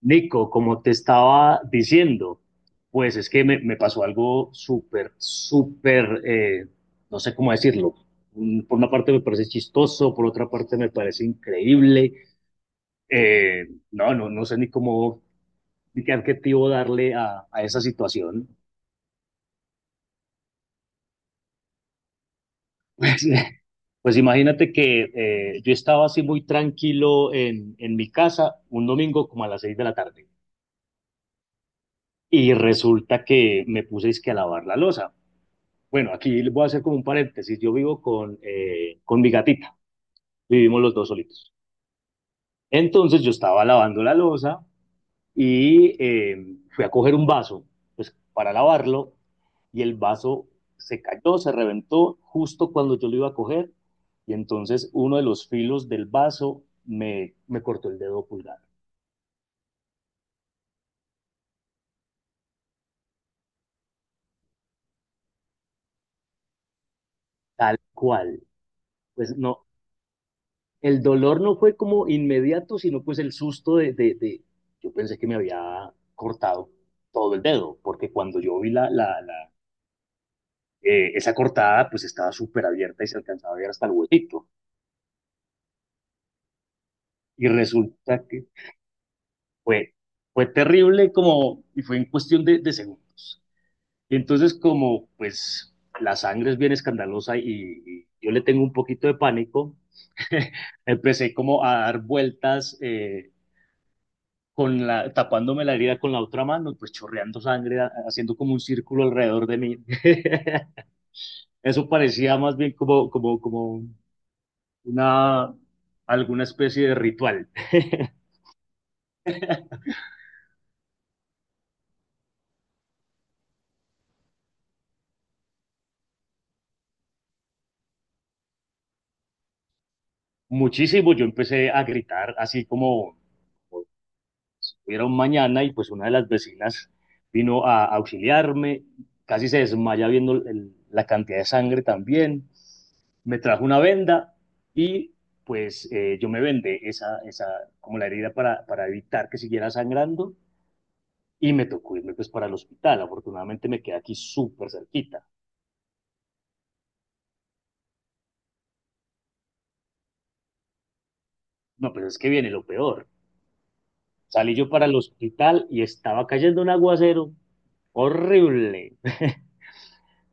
Nico, como te estaba diciendo, pues es que me pasó algo súper, súper, no sé cómo decirlo. Por una parte me parece chistoso, por otra parte me parece increíble. Eh, no sé ni cómo, ni qué adjetivo darle a esa situación. Pues, pues imagínate que yo estaba así muy tranquilo en mi casa un domingo como a las 6 de la tarde y resulta que me puse es que a lavar la losa. Bueno, aquí les voy a hacer como un paréntesis. Yo vivo con mi gatita. Vivimos los dos solitos. Entonces yo estaba lavando la loza y fui a coger un vaso pues, para lavarlo y el vaso se cayó, se reventó justo cuando yo lo iba a coger y entonces uno de los filos del vaso me cortó el dedo pulgar. Tal cual. Pues no, el dolor no fue como inmediato, sino pues el susto yo pensé que me había cortado todo el dedo, porque cuando yo vi esa cortada, pues estaba súper abierta y se alcanzaba a ver hasta el huesito. Y resulta que fue, fue terrible como, y fue en cuestión de segundos. Y entonces como pues la sangre es bien escandalosa y yo le tengo un poquito de pánico, empecé como a dar vueltas. Con la, tapándome la herida con la otra mano, pues chorreando sangre, haciendo como un círculo alrededor de mí. Eso parecía más bien como, como, una, alguna especie de ritual. Muchísimo, yo empecé a gritar así como era un mañana y pues una de las vecinas vino a auxiliarme, casi se desmaya viendo la cantidad de sangre también, me trajo una venda y pues yo me vendé como la herida para evitar que siguiera sangrando y me tocó irme pues para el hospital, afortunadamente me quedé aquí súper cerquita, no, pero es que viene lo peor, salí yo para el hospital y estaba cayendo un aguacero horrible.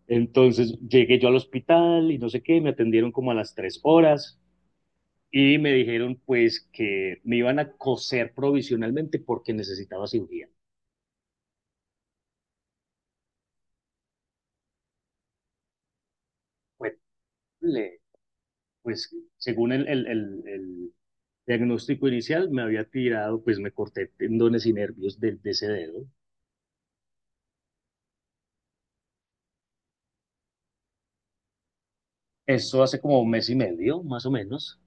Entonces llegué yo al hospital y no sé qué, me atendieron como a las 3 horas y me dijeron pues que me iban a coser provisionalmente porque necesitaba cirugía. Pues, le- pues según el diagnóstico inicial me había tirado, pues me corté tendones y nervios de ese dedo. Eso hace como un mes y medio, más o menos.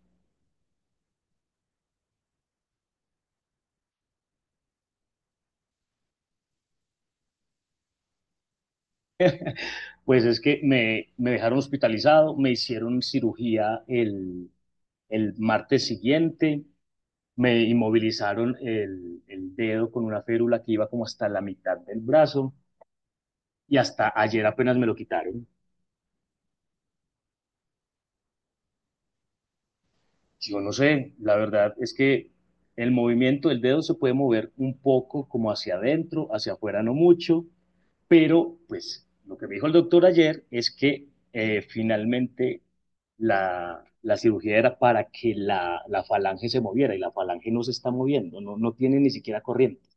Pues es que me dejaron hospitalizado, me hicieron cirugía el martes siguiente me inmovilizaron el dedo con una férula que iba como hasta la mitad del brazo y hasta ayer apenas me lo quitaron. Yo no sé, la verdad es que el movimiento del dedo se puede mover un poco como hacia adentro, hacia afuera no mucho, pero pues lo que me dijo el doctor ayer es que finalmente la cirugía era para que la falange se moviera y la falange no se está moviendo, no, no tiene ni siquiera corriente.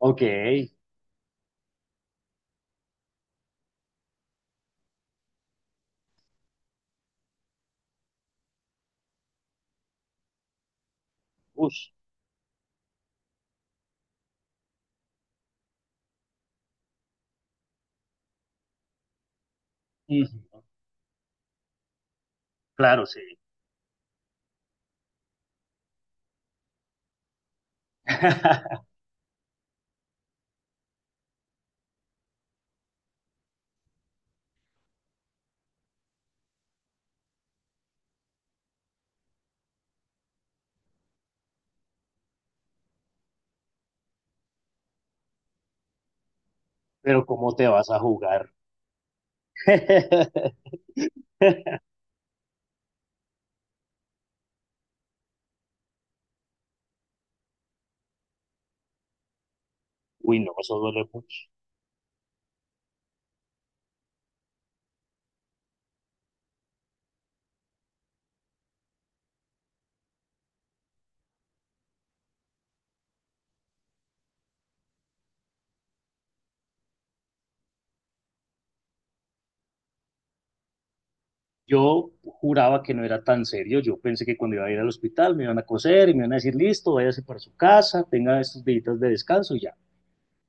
Ok, uff claro, sí, Pero ¿cómo te vas a jugar? Uy, no, eso duele mucho. Yo juraba que no era tan serio. Yo pensé que cuando iba a ir al hospital me iban a coser y me iban a decir, listo, váyase para su casa, tenga estos días de descanso y ya.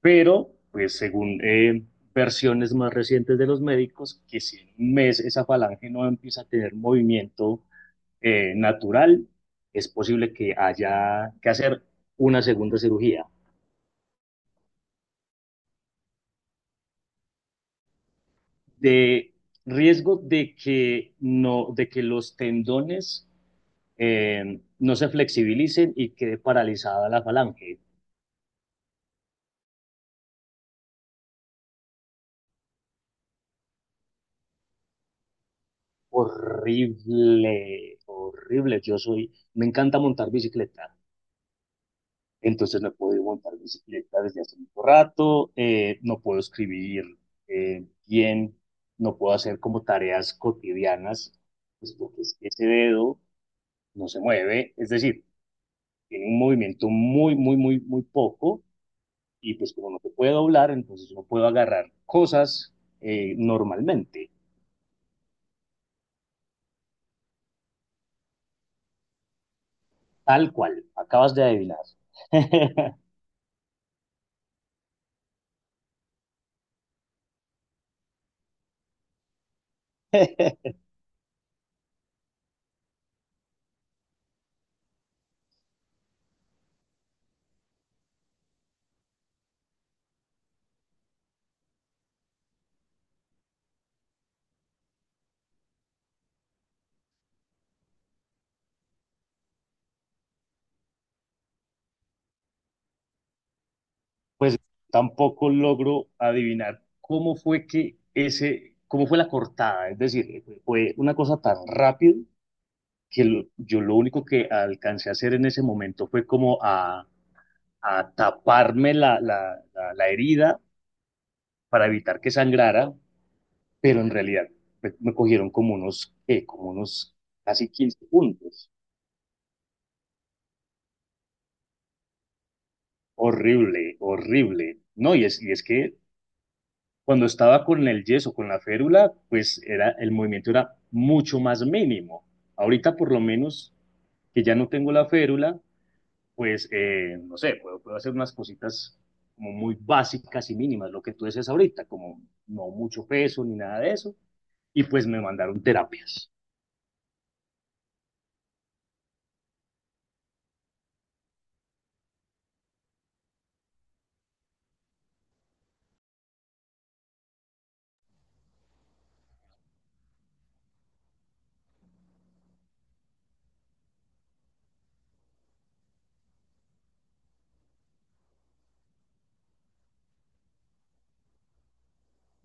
Pero, pues según versiones más recientes de los médicos, que si en un mes esa falange no empieza a tener movimiento natural, es posible que haya que hacer una segunda cirugía. De riesgo de que, no, de que los tendones no se flexibilicen y quede paralizada la falange. Horrible, horrible. Me encanta montar bicicleta, entonces no puedo montar bicicleta desde hace mucho rato, no puedo escribir bien, no puedo hacer como tareas cotidianas, pues porque es que ese dedo no se mueve, es decir, tiene un movimiento muy, muy, muy, muy poco y pues como no te puedo doblar, entonces no puedo agarrar cosas normalmente, tal cual, acabas de adivinar. Pues tampoco logro adivinar cómo fue que cómo fue la cortada, es decir, fue una cosa tan rápido yo lo único que alcancé a hacer en ese momento fue como a taparme la herida para evitar que sangrara, pero en realidad me cogieron como unos, ¿qué? Como unos casi 15 puntos. Horrible, horrible. No, y es que cuando estaba con el yeso, con la férula, pues era, el movimiento era mucho más mínimo. Ahorita por lo menos que ya no tengo la férula, pues no sé, puedo, puedo hacer unas cositas como muy básicas y mínimas, lo que tú dices ahorita, como no mucho peso ni nada de eso. Y pues me mandaron terapias.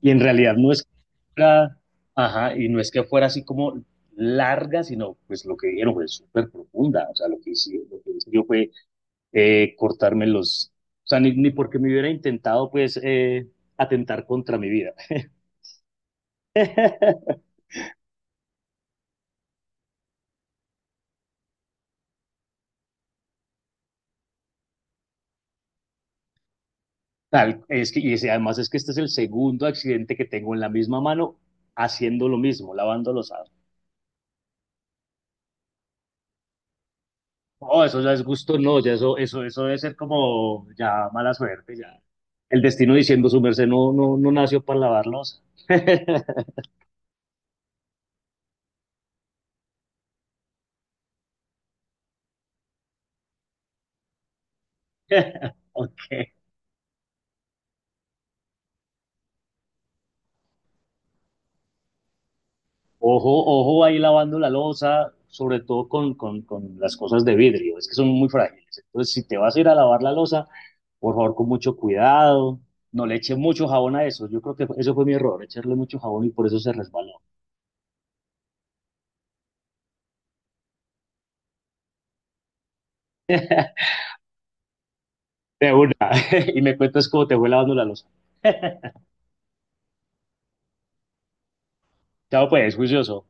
Y en realidad no es que fuera, ajá, y no es que fuera así como larga, sino pues lo que dijeron fue súper profunda. O sea, lo que hice yo fue eh, cortarme los, o sea, ni porque me hubiera intentado pues atentar contra mi vida. Tal, es que, y además es que este es el segundo accidente que tengo en la misma mano haciendo lo mismo, lavando los No, eso ya es gusto, no, ya eso debe ser como ya mala suerte, ya. El destino diciendo su merced no, no, no nació para lavar losa. Okay. Ojo, ojo ahí lavando la losa, sobre todo con las cosas de vidrio, es que son muy frágiles. Entonces, si te vas a ir a lavar la losa, por favor, con mucho cuidado, no le eche mucho jabón a eso. Yo creo que eso fue mi error, echarle mucho jabón y por eso se resbaló. De una, y me cuentas cómo te fue lavando la losa. Chao, pues, juicioso.